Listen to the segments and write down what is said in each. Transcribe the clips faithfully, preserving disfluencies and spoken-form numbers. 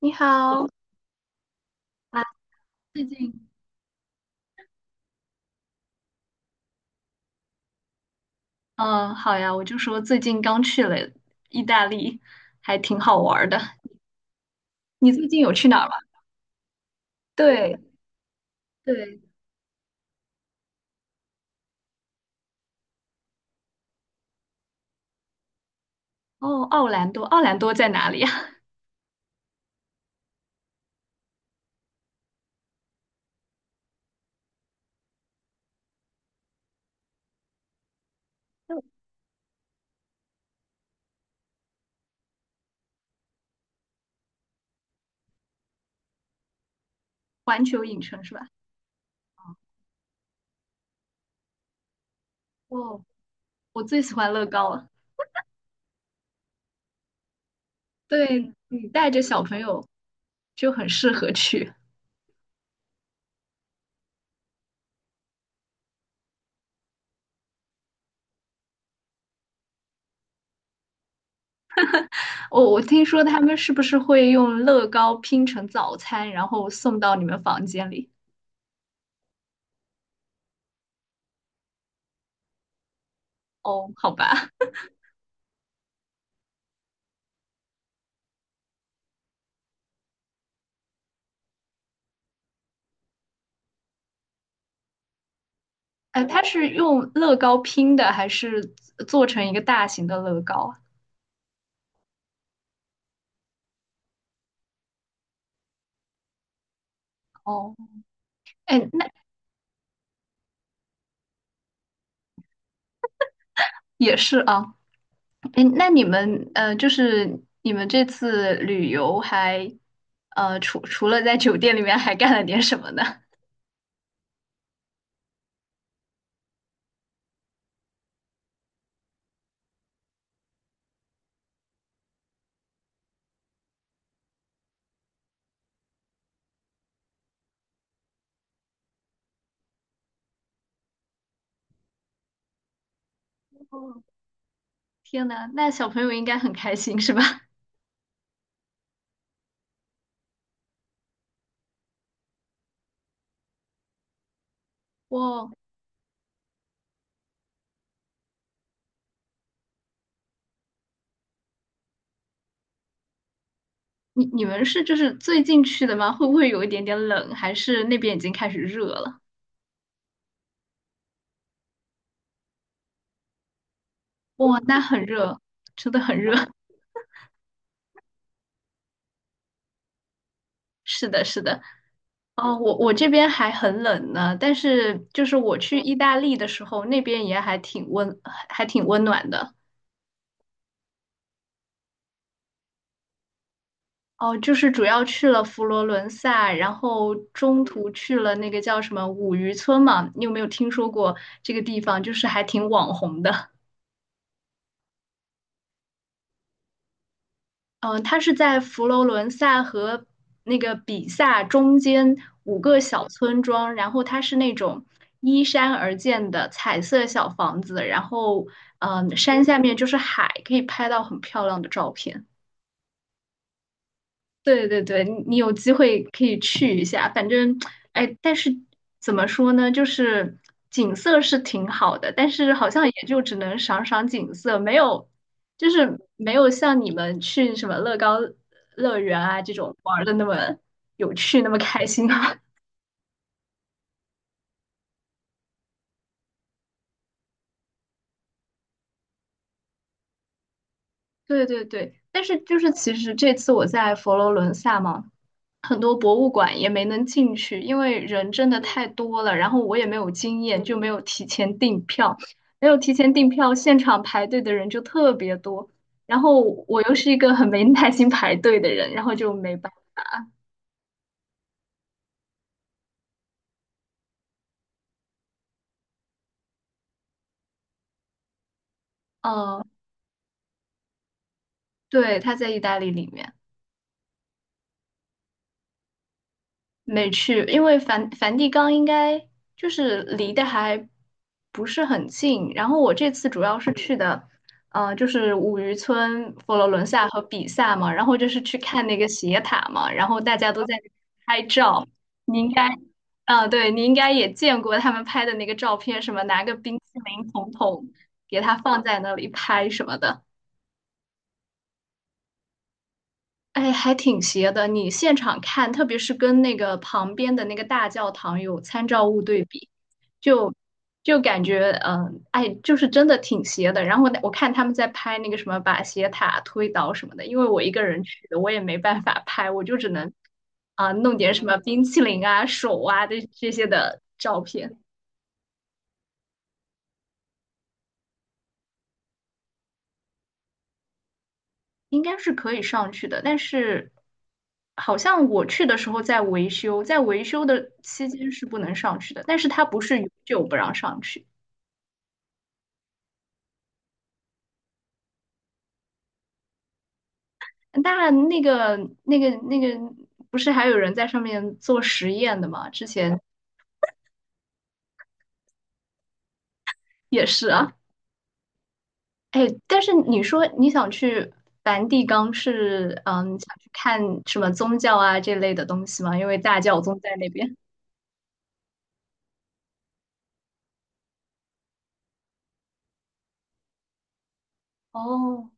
你好。啊，最近，嗯，好呀，我就说最近刚去了意大利，还挺好玩儿的。你最近有去哪儿吗？对对，哦，奥兰多，奥兰多在哪里呀？环球影城是吧？哦，我最喜欢乐高了。对，你带着小朋友就很适合去。我、我听说他们是不是会用乐高拼成早餐，然后送到你们房间里？哦，好吧。哎，它是用乐高拼的，还是做成一个大型的乐高啊。哦，哎，那也是啊。哎，那你们呃，就是你们这次旅游还呃，除除了在酒店里面，还干了点什么呢？哦，天呐，那小朋友应该很开心是吧？哇，你你们是就是最近去的吗？会不会有一点点冷？还是那边已经开始热了？哇，那很热，真的很热。是的，是的。哦，我我这边还很冷呢，但是就是我去意大利的时候，那边也还挺温，还还挺温暖的。哦，就是主要去了佛罗伦萨，然后中途去了那个叫什么五渔村嘛，你有没有听说过这个地方？就是还挺网红的。嗯、呃它是在佛罗伦萨和那个比萨中间五个小村庄，然后它是那种依山而建的彩色小房子，然后嗯、呃山下面就是海，可以拍到很漂亮的照片。对对对，你你有机会可以去一下，反正，哎，但是怎么说呢，就是景色是挺好的，但是好像也就只能赏赏景色，没有，就是没有像你们去什么乐高乐园啊这种玩的那么有趣，那么开心啊。对对对，但是就是其实这次我在佛罗伦萨嘛，很多博物馆也没能进去，因为人真的太多了，然后我也没有经验，就没有提前订票，没有提前订票，现场排队的人就特别多，然后我又是一个很没耐心排队的人，然后就没办法。嗯，对，他在意大利里面。没去，因为梵梵蒂冈应该就是离得还不是很近。然后我这次主要是去的，呃，就是五渔村、佛罗伦萨和比萨嘛，然后就是去看那个斜塔嘛，然后大家都在拍照。你应该，啊、对，你应该也见过他们拍的那个照片，什么拿个冰淇淋桶桶给它放在那里拍什么的。哎，还挺邪的。你现场看，特别是跟那个旁边的那个大教堂有参照物对比，就就感觉，嗯、哎，就是真的挺邪的。然后我看他们在拍那个什么把斜塔推倒什么的，因为我一个人去的，我也没办法拍，我就只能啊、弄点什么冰淇淋啊、手啊这这些的照片。应该是可以上去的，但是好像我去的时候在维修，在维修的期间是不能上去的，但是它不是永久不让上去。那那个那个那个不是还有人在上面做实验的吗？之前也是啊。哎，但是你说你想去梵蒂冈是嗯想去看什么宗教啊这类的东西吗？因为大教宗在那边。哦，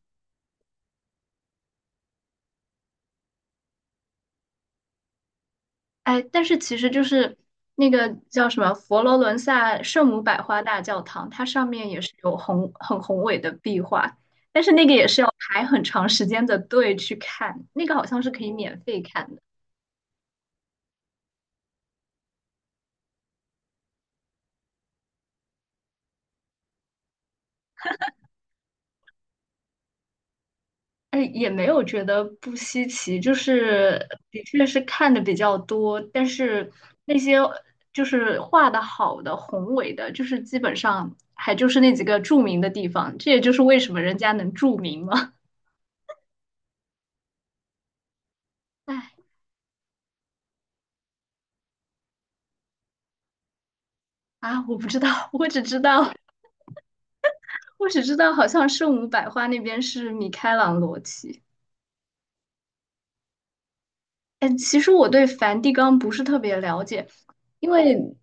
哎，但是其实就是那个叫什么佛罗伦萨圣母百花大教堂，它上面也是有宏很宏伟的壁画，但是那个也是要排很长时间的队去看，那个好像是可以免费看的。哎，也没有觉得不稀奇，就是的确是看的比较多，但是那些就是画的好的宏伟的，就是基本上还就是那几个著名的地方，这也就是为什么人家能著名嘛。哎。啊，我不知道，我只知道，我只知道，好像圣母百花那边是米开朗罗奇。哎，其实我对梵蒂冈不是特别了解，因为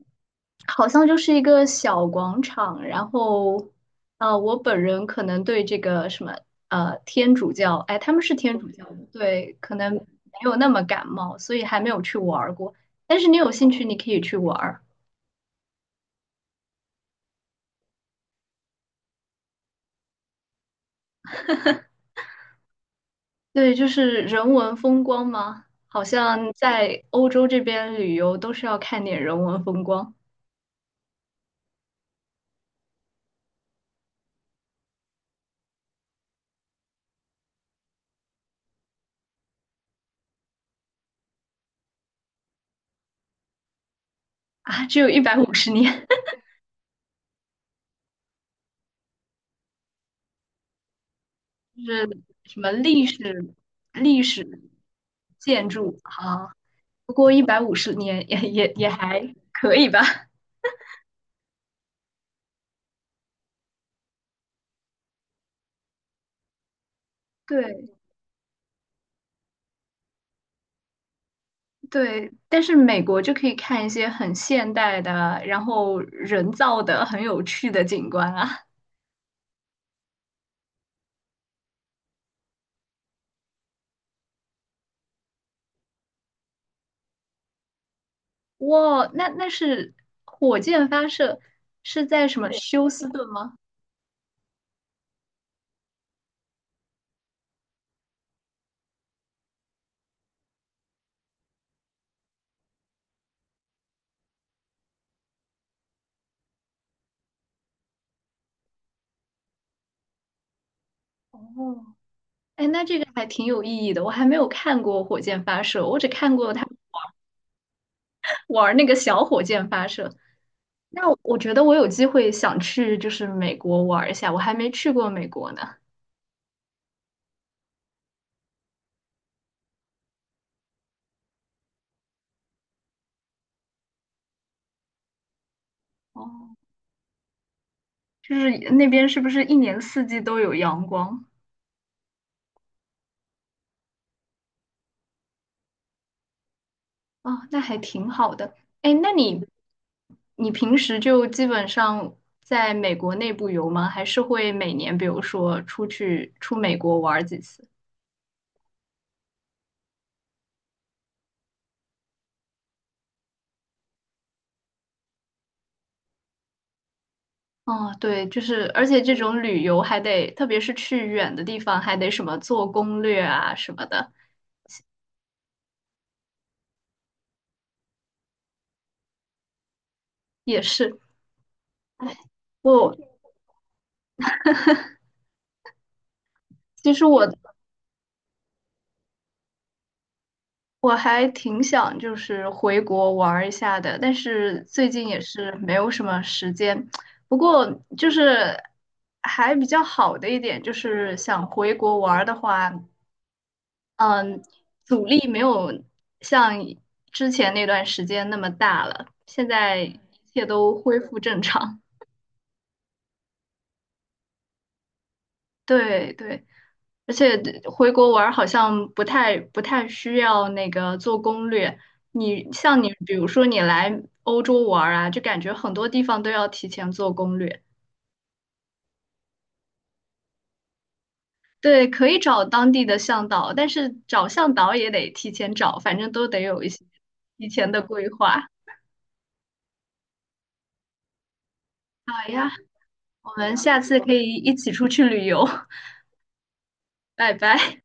好像就是一个小广场。然后，啊，我本人可能对这个什么，呃，天主教，哎，他们是天主教的，对，可能没有那么感冒，所以还没有去玩儿过。但是你有兴趣，你可以去玩儿。对，就是人文风光嘛，好像在欧洲这边旅游都是要看点人文风光啊。只有一百五十年，就是什么历史历史建筑啊，不过一百五十年也也也还可以吧。对对，但是美国就可以看一些很现代的，然后人造的很有趣的景观啊。哇，那那是火箭发射是在什么休斯顿吗？哦，哎，那这个还挺有意义的。我还没有看过火箭发射，我只看过他 玩那个小火箭发射。那我我觉得我有机会想去，就是美国玩一下，我还没去过美国呢。哦，就是那边是不是一年四季都有阳光？哦，那还挺好的。哎，那你你平时就基本上在美国内部游吗？还是会每年比如说出去出美国玩几次？哦，对，就是，而且这种旅游还得，特别是去远的地方，还得什么做攻略啊什么的，也是。哎，我其实我我还挺想就是回国玩儿一下的，但是最近也是没有什么时间。不过就是还比较好的一点就是想回国玩儿的话，嗯，阻力没有像之前那段时间那么大了，现在一切都恢复正常。对对，而且回国玩儿好像不太不太需要那个做攻略。你像你，比如说你来欧洲玩儿啊，就感觉很多地方都要提前做攻略。对，可以找当地的向导，但是找向导也得提前找，反正都得有一些提前的规划。好呀，我们下次可以一起出去旅游。拜拜。